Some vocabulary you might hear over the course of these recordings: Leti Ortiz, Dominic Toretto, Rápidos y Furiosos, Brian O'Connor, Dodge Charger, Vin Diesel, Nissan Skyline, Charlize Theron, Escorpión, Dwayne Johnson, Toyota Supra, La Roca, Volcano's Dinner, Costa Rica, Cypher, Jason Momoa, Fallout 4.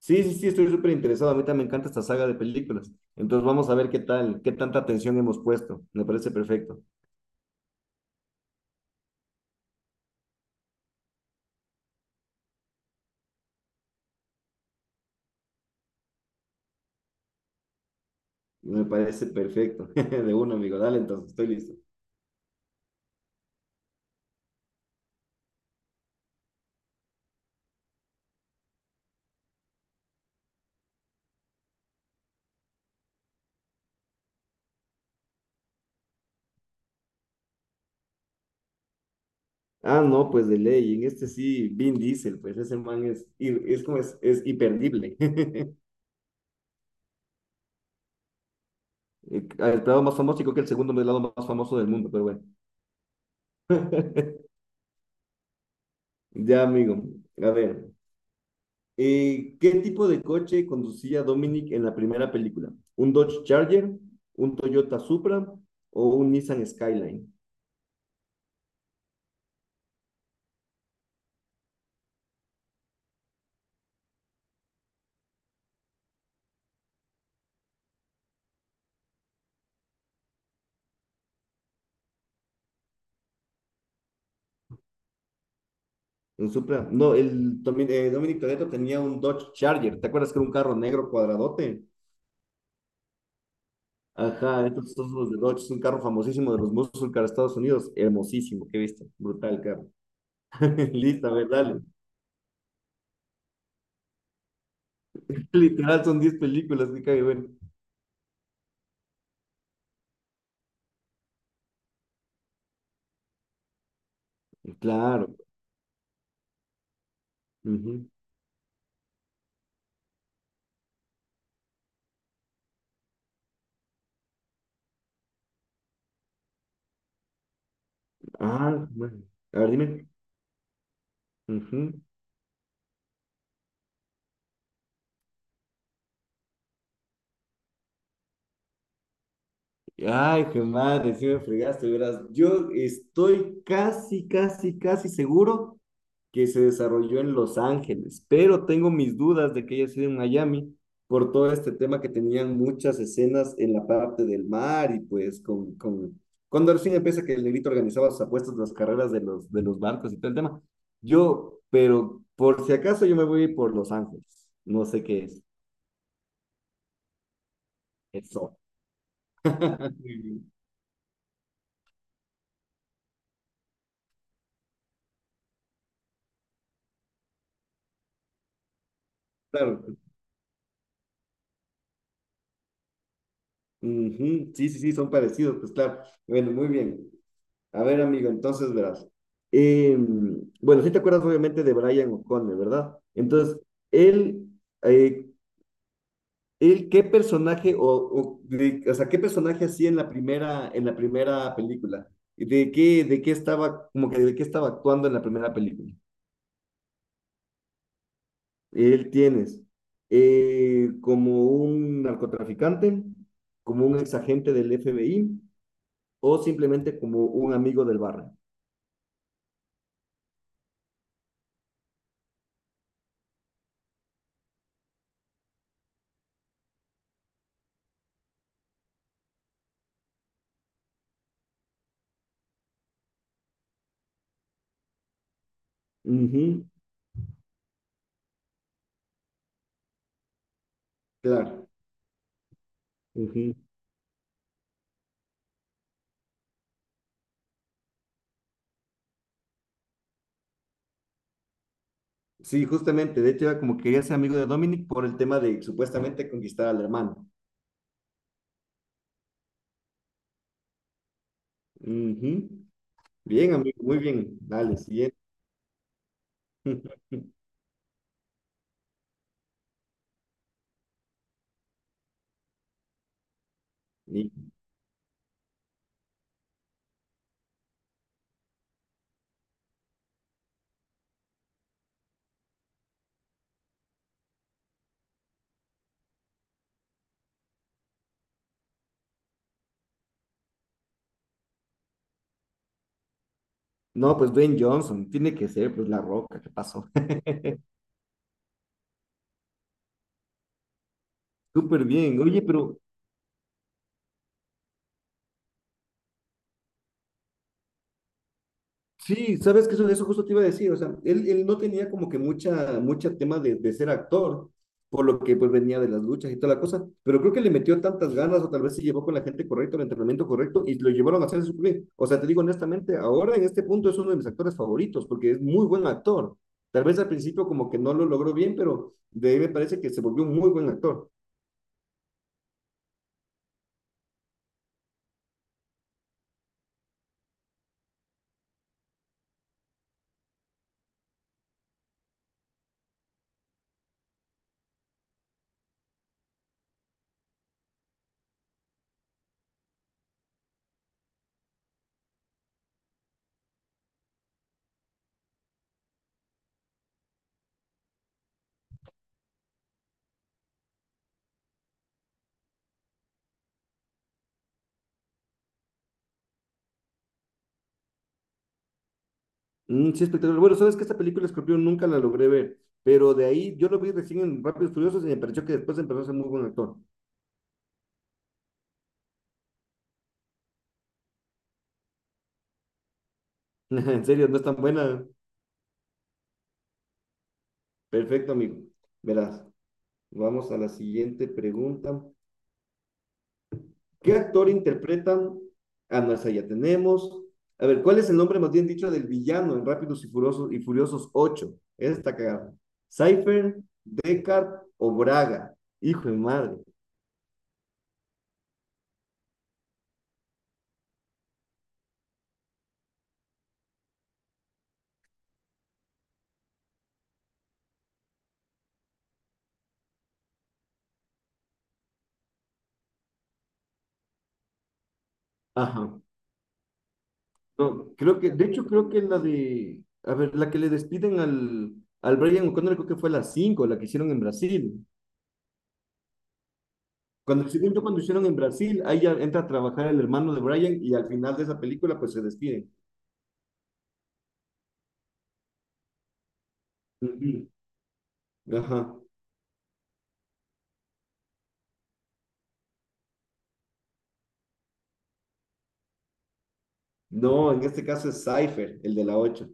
Sí, sí, sí, estoy súper interesado. A mí también me encanta esta saga de películas. Entonces vamos a ver qué tal, qué tanta atención hemos puesto. Me parece perfecto. Me parece perfecto. De uno, amigo. Dale, entonces, estoy listo. Ah, no, pues de ley. En este sí, Vin Diesel, pues ese man es como es imperdible. El lado más famoso, y creo que el segundo lado más famoso del mundo, pero bueno. Ya, amigo. A ver. ¿Qué tipo de coche conducía Dominic en la primera película? ¿Un Dodge Charger, un Toyota Supra o un Nissan Skyline? Un Supra. No, Dominic Toretto tenía un Dodge Charger. ¿Te acuerdas que era un carro negro cuadradote? Ajá, entonces todos los de Dodge es un carro famosísimo de los muscles de Estados Unidos. Hermosísimo, qué viste. Brutal carro. Listo, a ver, dale. Literal son 10 películas, qué cague bueno. Claro. Ujú. Ah, bueno. A ver, dime. Ujú. Ay, qué madre, sí me fregaste, verás. Yo estoy casi, casi, casi seguro que se desarrolló en Los Ángeles, pero tengo mis dudas de que haya sido en Miami por todo este tema que tenían muchas escenas en la parte del mar y pues con. Cuando al fin empieza que el negrito organizaba sus apuestas, las carreras de los barcos y todo el tema. Pero por si acaso yo me voy por Los Ángeles, no sé qué es eso. Claro. Ujú. Sí, sí, sí, son parecidos, pues claro. Bueno, muy bien. A ver, amigo, entonces verás. Bueno, sí te acuerdas obviamente de Brian O'Connor, ¿verdad? Entonces, él, eh, él ¿qué personaje o sea, qué personaje hacía en la primera película? ¿De qué estaba, como que de qué estaba actuando en la primera película? Él tienes como un narcotraficante, como un exagente del FBI o simplemente como un amigo del barrio. Ujú, claro. Ujú. Sí, justamente. De hecho, era como quería ser amigo de Dominic por el tema de supuestamente conquistar al hermano. Ujú. Bien, amigo, muy bien. Dale, siguiente. Y- No, pues Dwayne Johnson, tiene que ser, pues La Roca, ¿qué pasó? Súper bien. Oye, pero sí, sabes que eso justo te iba a decir, o sea, él no tenía como que mucha, mucha tema de ser actor, por lo que pues venía de las luchas y toda la cosa, pero creo que le metió tantas ganas o tal vez se llevó con la gente correcta, el entrenamiento correcto y lo llevaron a hacer su bien. O sea, te digo honestamente, ahora en este punto es uno de mis actores favoritos porque es muy buen actor. Tal vez al principio como que no lo logró bien, pero de ahí me parece que se volvió un muy buen actor. Mm, sí, espectacular. Bueno, sabes que esta película Escorpión nunca la logré ver, pero de ahí yo lo vi recién en Rápidos y Furiosos y me pareció que después empezó a ser muy buen actor. En serio, no es tan buena. Perfecto, amigo. Verás, vamos a la siguiente pregunta. ¿Qué actor interpretan? Ah, no, esa ya tenemos. A ver, ¿cuál es el nombre más bien dicho del villano en Rápidos y Furiosos 8? Esa está cagada. ¿Cypher, Deckard o Braga? Hijo de madre. Ajá. No, creo que, de hecho, creo que la de, a ver, la que le despiden al Brian O'Connor, creo que fue la 5, la que hicieron en Brasil. Cuando, según yo, cuando hicieron en Brasil, ahí ya entra a trabajar el hermano de Brian y al final de esa película pues se despiden. Ujú. Ajá. No, en este caso es Cypher, el de la ocho.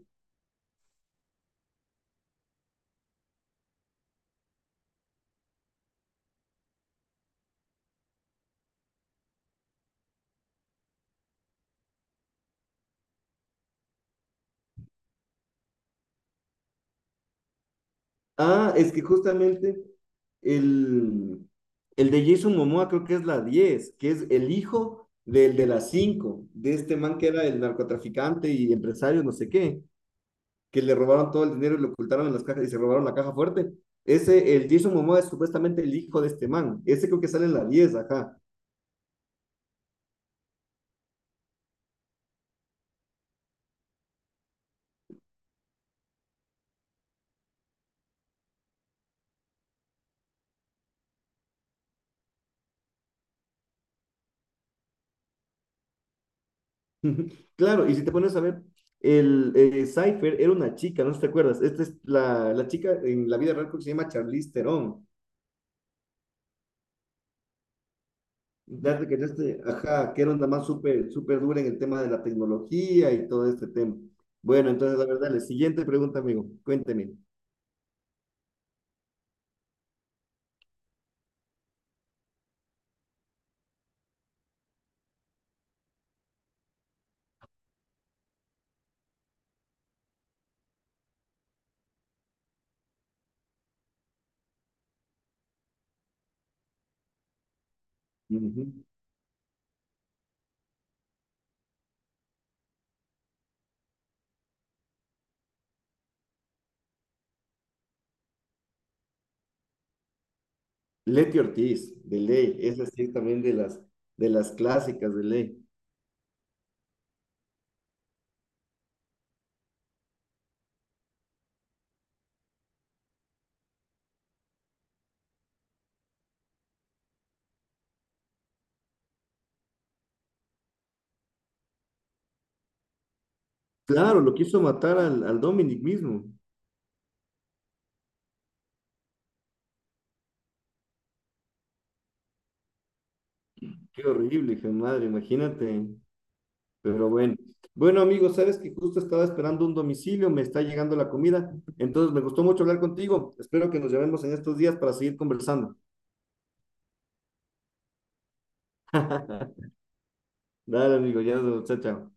Ah, es que justamente el, el de Jason Momoa creo que es la 10 que es el hijo del de la 5 de este man que era el narcotraficante y empresario, no sé qué, que le robaron todo el dinero y lo ocultaron en las cajas y se robaron la caja fuerte. Ese, el Jason Momoa es supuestamente el hijo de este man. Ese creo que sale en la 10, ajá. Claro, y si te pones a ver, el Cypher era una chica, no sé si te acuerdas. Esta es la chica en la vida real creo que se llama Charlize Theron. Date que este, ajá, que era una más súper súper dura en el tema de la tecnología y todo este tema. Bueno, entonces, la verdad, la siguiente pregunta, amigo, cuénteme. Ujú. Leti Ortiz, de ley, esa sí es también de las clásicas de ley. Claro, lo quiso matar al Dominic mismo. Qué horrible, hija de madre, imagínate. Pero bueno, bueno amigos, sabes que justo estaba esperando un domicilio, me está llegando la comida, entonces me gustó mucho hablar contigo. Espero que nos llevemos en estos días para seguir conversando. Dale, amigo, ya nos vemos. Chao, chao.